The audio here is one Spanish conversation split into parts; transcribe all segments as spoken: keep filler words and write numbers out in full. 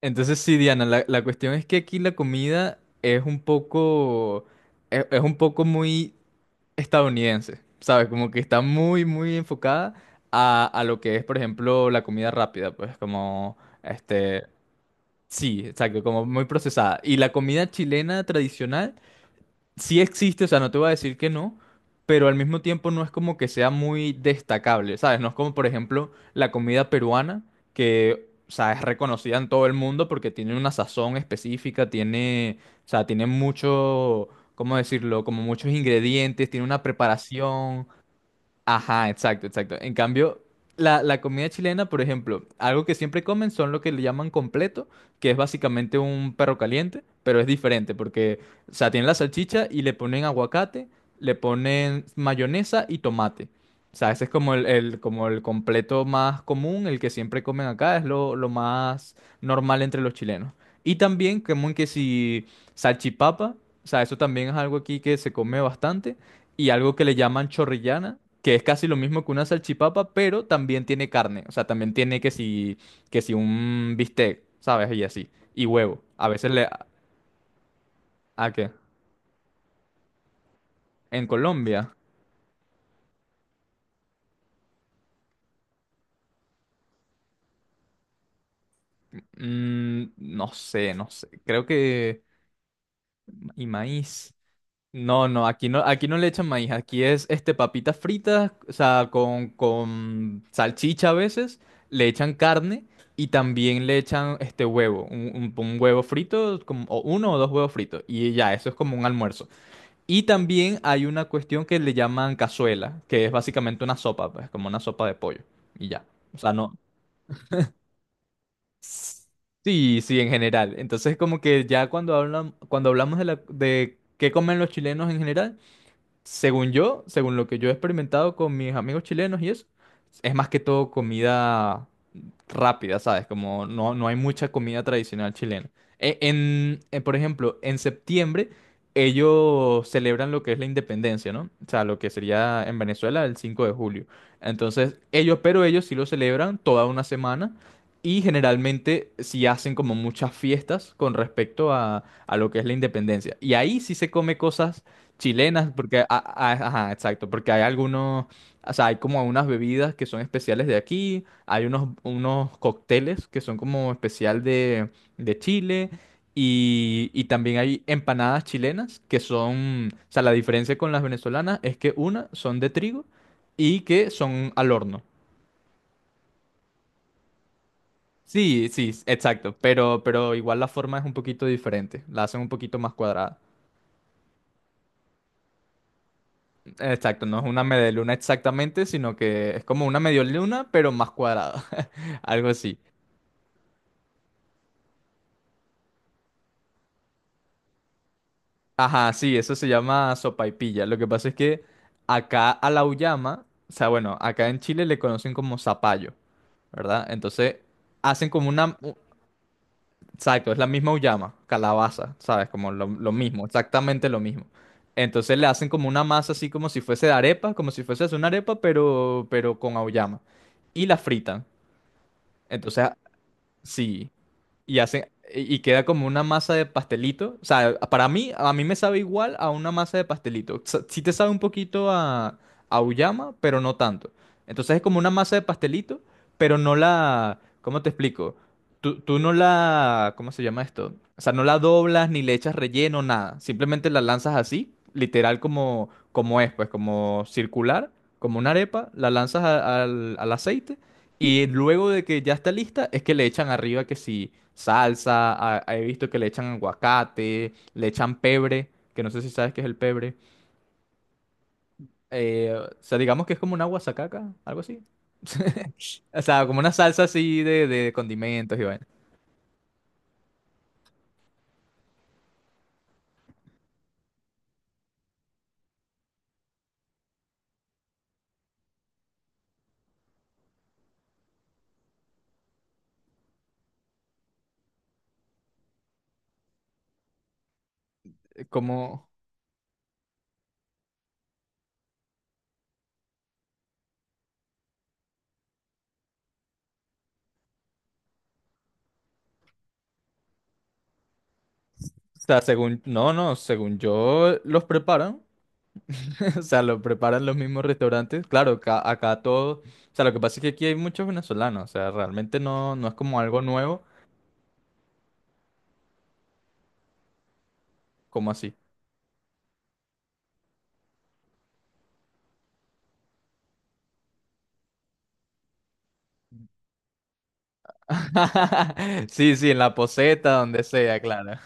Entonces sí, Diana, la, la cuestión es que aquí la comida es un poco, es, es un poco muy estadounidense, ¿sabes? Como que está muy, muy enfocada a, a lo que es, por ejemplo, la comida rápida, pues como, este, sí, exacto, como muy procesada. Y la comida chilena tradicional sí existe, o sea, no te voy a decir que no, pero al mismo tiempo no es como que sea muy destacable, ¿sabes? No es como, por ejemplo, la comida peruana, que, o sea, es reconocida en todo el mundo porque tiene una sazón específica, tiene, o sea, tiene mucho, ¿cómo decirlo? Como muchos ingredientes, tiene una preparación. Ajá, exacto, exacto. En cambio, la, la comida chilena, por ejemplo, algo que siempre comen son lo que le llaman completo, que es básicamente un perro caliente, pero es diferente porque, o sea, tienen la salchicha y le ponen aguacate, le ponen mayonesa y tomate. O sea, ese es como el, el- como el completo más común, el que siempre comen acá, es lo, lo más normal entre los chilenos. Y también, común que si salchipapa, o sea, eso también es algo aquí que se come bastante y algo que le llaman chorrillana, que es casi lo mismo que una salchipapa, pero también tiene carne. O sea, también tiene que si, que si un bistec, ¿sabes? Y así. Y huevo. A veces le... ¿A qué? En Colombia. Mm, no sé, no sé. Creo que... Y maíz. No, no, aquí no, aquí no le echan maíz, aquí es este papitas fritas, o sea, con, con salchicha a veces, le echan carne y también le echan este huevo, un, un- un huevo frito, como, o uno o dos huevos fritos, y ya, eso es como un almuerzo. Y también hay una cuestión que le llaman cazuela, que es básicamente una sopa, pues, como una sopa de pollo, y ya. O sea, no. Sí, sí, en general. Entonces, como que ya cuando hablan, cuando hablamos de la, de qué comen los chilenos en general, según yo, según lo que yo he experimentado con mis amigos chilenos y eso, es más que todo comida rápida, ¿sabes? Como no, no hay mucha comida tradicional chilena. E- En, en, por ejemplo, en septiembre ellos celebran lo que es la independencia, ¿no? O sea, lo que sería en Venezuela el cinco de julio. Entonces, ellos, pero ellos sí lo celebran toda una semana y generalmente sí hacen como muchas fiestas con respecto a, a lo que es la independencia. Y ahí sí se come cosas chilenas, porque, a- a- ajá, exacto, porque hay algunos, o sea, hay como unas bebidas que son especiales de aquí, hay unos, unos cócteles que son como especial de, de, Chile, y, y también hay empanadas chilenas que son, o sea, la diferencia con las venezolanas es que una son de trigo y que son al horno. Sí, sí, exacto, pero, pero igual la forma es un poquito diferente, la hacen un poquito más cuadrada. Exacto, no es una media luna exactamente, sino que es como una medio luna, pero más cuadrada. Algo así. Ajá, sí, eso se llama sopaipilla. Lo que pasa es que acá a la uyama, o sea, bueno, acá en Chile le conocen como zapallo, ¿verdad? Entonces hacen como una. u- Exacto, es la misma uyama, calabaza, ¿sabes? Como lo, lo mismo, exactamente lo mismo. Entonces le hacen como una masa así como si fuese de arepa, como si fuese una arepa, pero, pero con auyama. Y la fritan. Entonces sí. Y hace, y y queda como una masa de pastelito. O sea, para mí, a mí me sabe igual a una masa de pastelito. Sa- Sí te sabe un poquito a, a uyama, pero no tanto. Entonces es como una masa de pastelito, pero no la... ¿Cómo te explico? Tú, tú no la... ¿Cómo se llama esto? O sea, no la doblas ni le echas relleno, nada. Simplemente la lanzas así, literal como, como es, pues como circular, como una arepa, la lanzas a- al al aceite y luego de que ya está lista, es que le echan arriba que si salsa, a- a- he visto que le echan aguacate, le echan pebre, que no sé si sabes qué es el pebre. Eh, o sea, digamos que es como una guasacaca, algo así. O sea, como una salsa así de, de condimentos y vaina. Eh, Como, o sea, según, no, no, según yo, los preparan. O sea, lo preparan los mismos restaurantes. Claro, acá, acá todo, o sea, lo que pasa es que aquí hay muchos venezolanos, o sea, realmente no, no es como algo nuevo, como así. Sí, sí, en la poseta, donde sea, claro.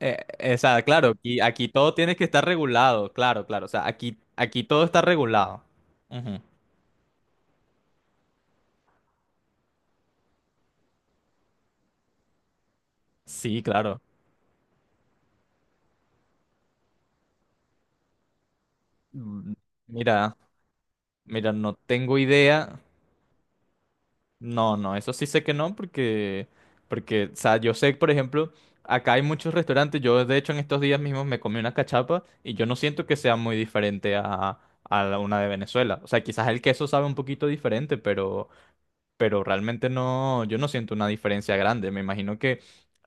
Eh, eh, o sea, claro, aquí, aquí todo tiene que estar regulado, claro, claro. O sea, aquí, aquí todo está regulado. Ujú. Sí, claro. Mm, Mira, mira, no tengo idea. No, no, eso sí sé que no, porque, porque, o sea, yo sé, por ejemplo, acá hay muchos restaurantes. Yo, de hecho, en estos días mismos me comí una cachapa y yo no siento que sea muy diferente a, a la- una de Venezuela. O sea, quizás el queso sabe un poquito diferente, pero pero realmente no, yo no siento una diferencia grande. Me imagino que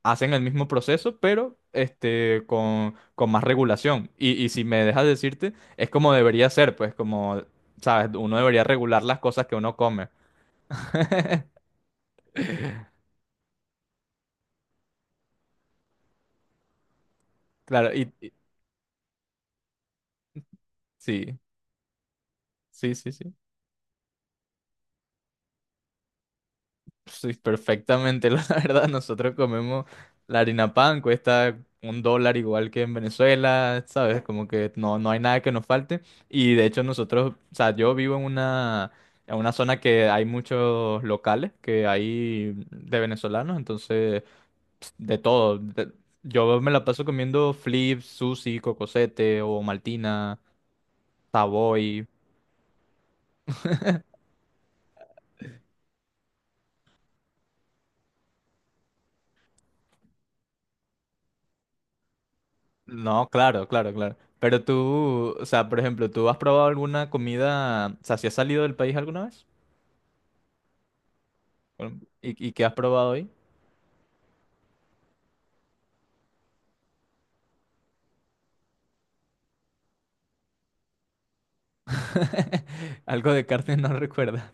hacen el mismo proceso, pero este, con, con más regulación. Y, y si me dejas decirte, es como debería ser, pues como, sabes, uno debería regular las cosas que uno come. Claro, y, y- sí, sí, sí, sí. Sí, perfectamente, la verdad. Nosotros comemos la harina pan, cuesta un dólar igual que en Venezuela, ¿sabes? Como que no, no hay nada que nos falte. Y de hecho nosotros, o sea, yo vivo en una, en una zona que hay muchos locales que hay de venezolanos, entonces de todo. De- yo me la paso comiendo flips, sushi, cocosete o maltina, Savoy. No, claro, claro, claro. Pero tú, o sea, por ejemplo, ¿tú has probado alguna comida, o sea, si has salido del país alguna vez? Bueno, ¿Y, y qué has probado hoy? Algo de carne no recuerda.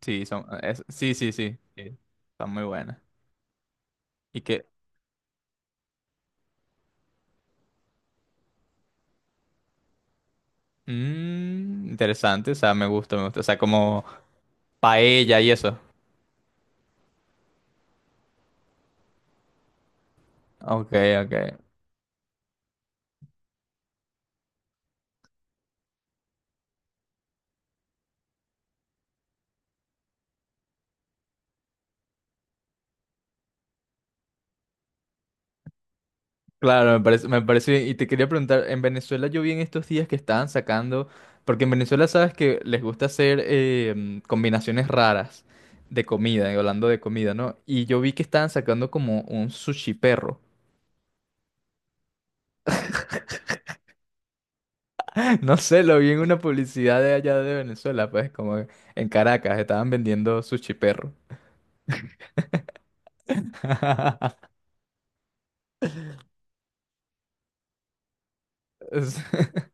Sí, son, es- sí, sí, sí, sí. Están muy buenas. Y que, mm, interesante, o sea, me gusta, me gusta. O sea, como paella y eso. Ok, ok. Claro, me parece, me parece bien. Y te quería preguntar, en Venezuela yo vi en estos días que estaban sacando, porque en Venezuela sabes que les gusta hacer eh, mm, combinaciones raras de comida, eh, hablando de comida, ¿no? Y yo vi que estaban sacando como un sushi perro. No sé, lo vi en una publicidad de allá de Venezuela, pues como en Caracas, estaban vendiendo sushi perro. Es-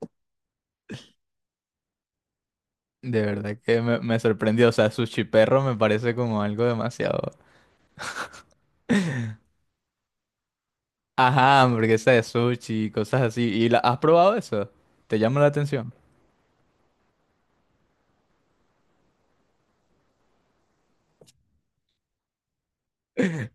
De verdad que me, me sorprendió, o sea, sushi perro me parece como algo demasiado... Ajá, hamburguesa de sushi y cosas así. ¿Y la, has probado eso? ¿Te llama la atención?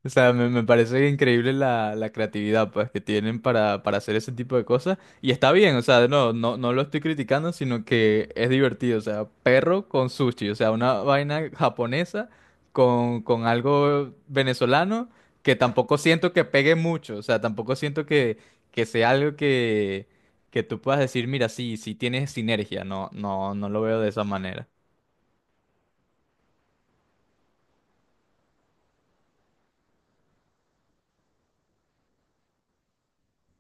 O sea, me, me parece increíble la, la creatividad pues, que tienen para, para hacer ese tipo de cosas. Y está bien, o sea, no, no, no lo estoy criticando, sino que es divertido. O sea, perro con sushi, o sea, una vaina japonesa con, con algo venezolano que tampoco siento que pegue mucho. O sea, tampoco siento que, que sea algo que, que tú puedas decir, mira, sí, sí tienes sinergia. No, no, no lo veo de esa manera.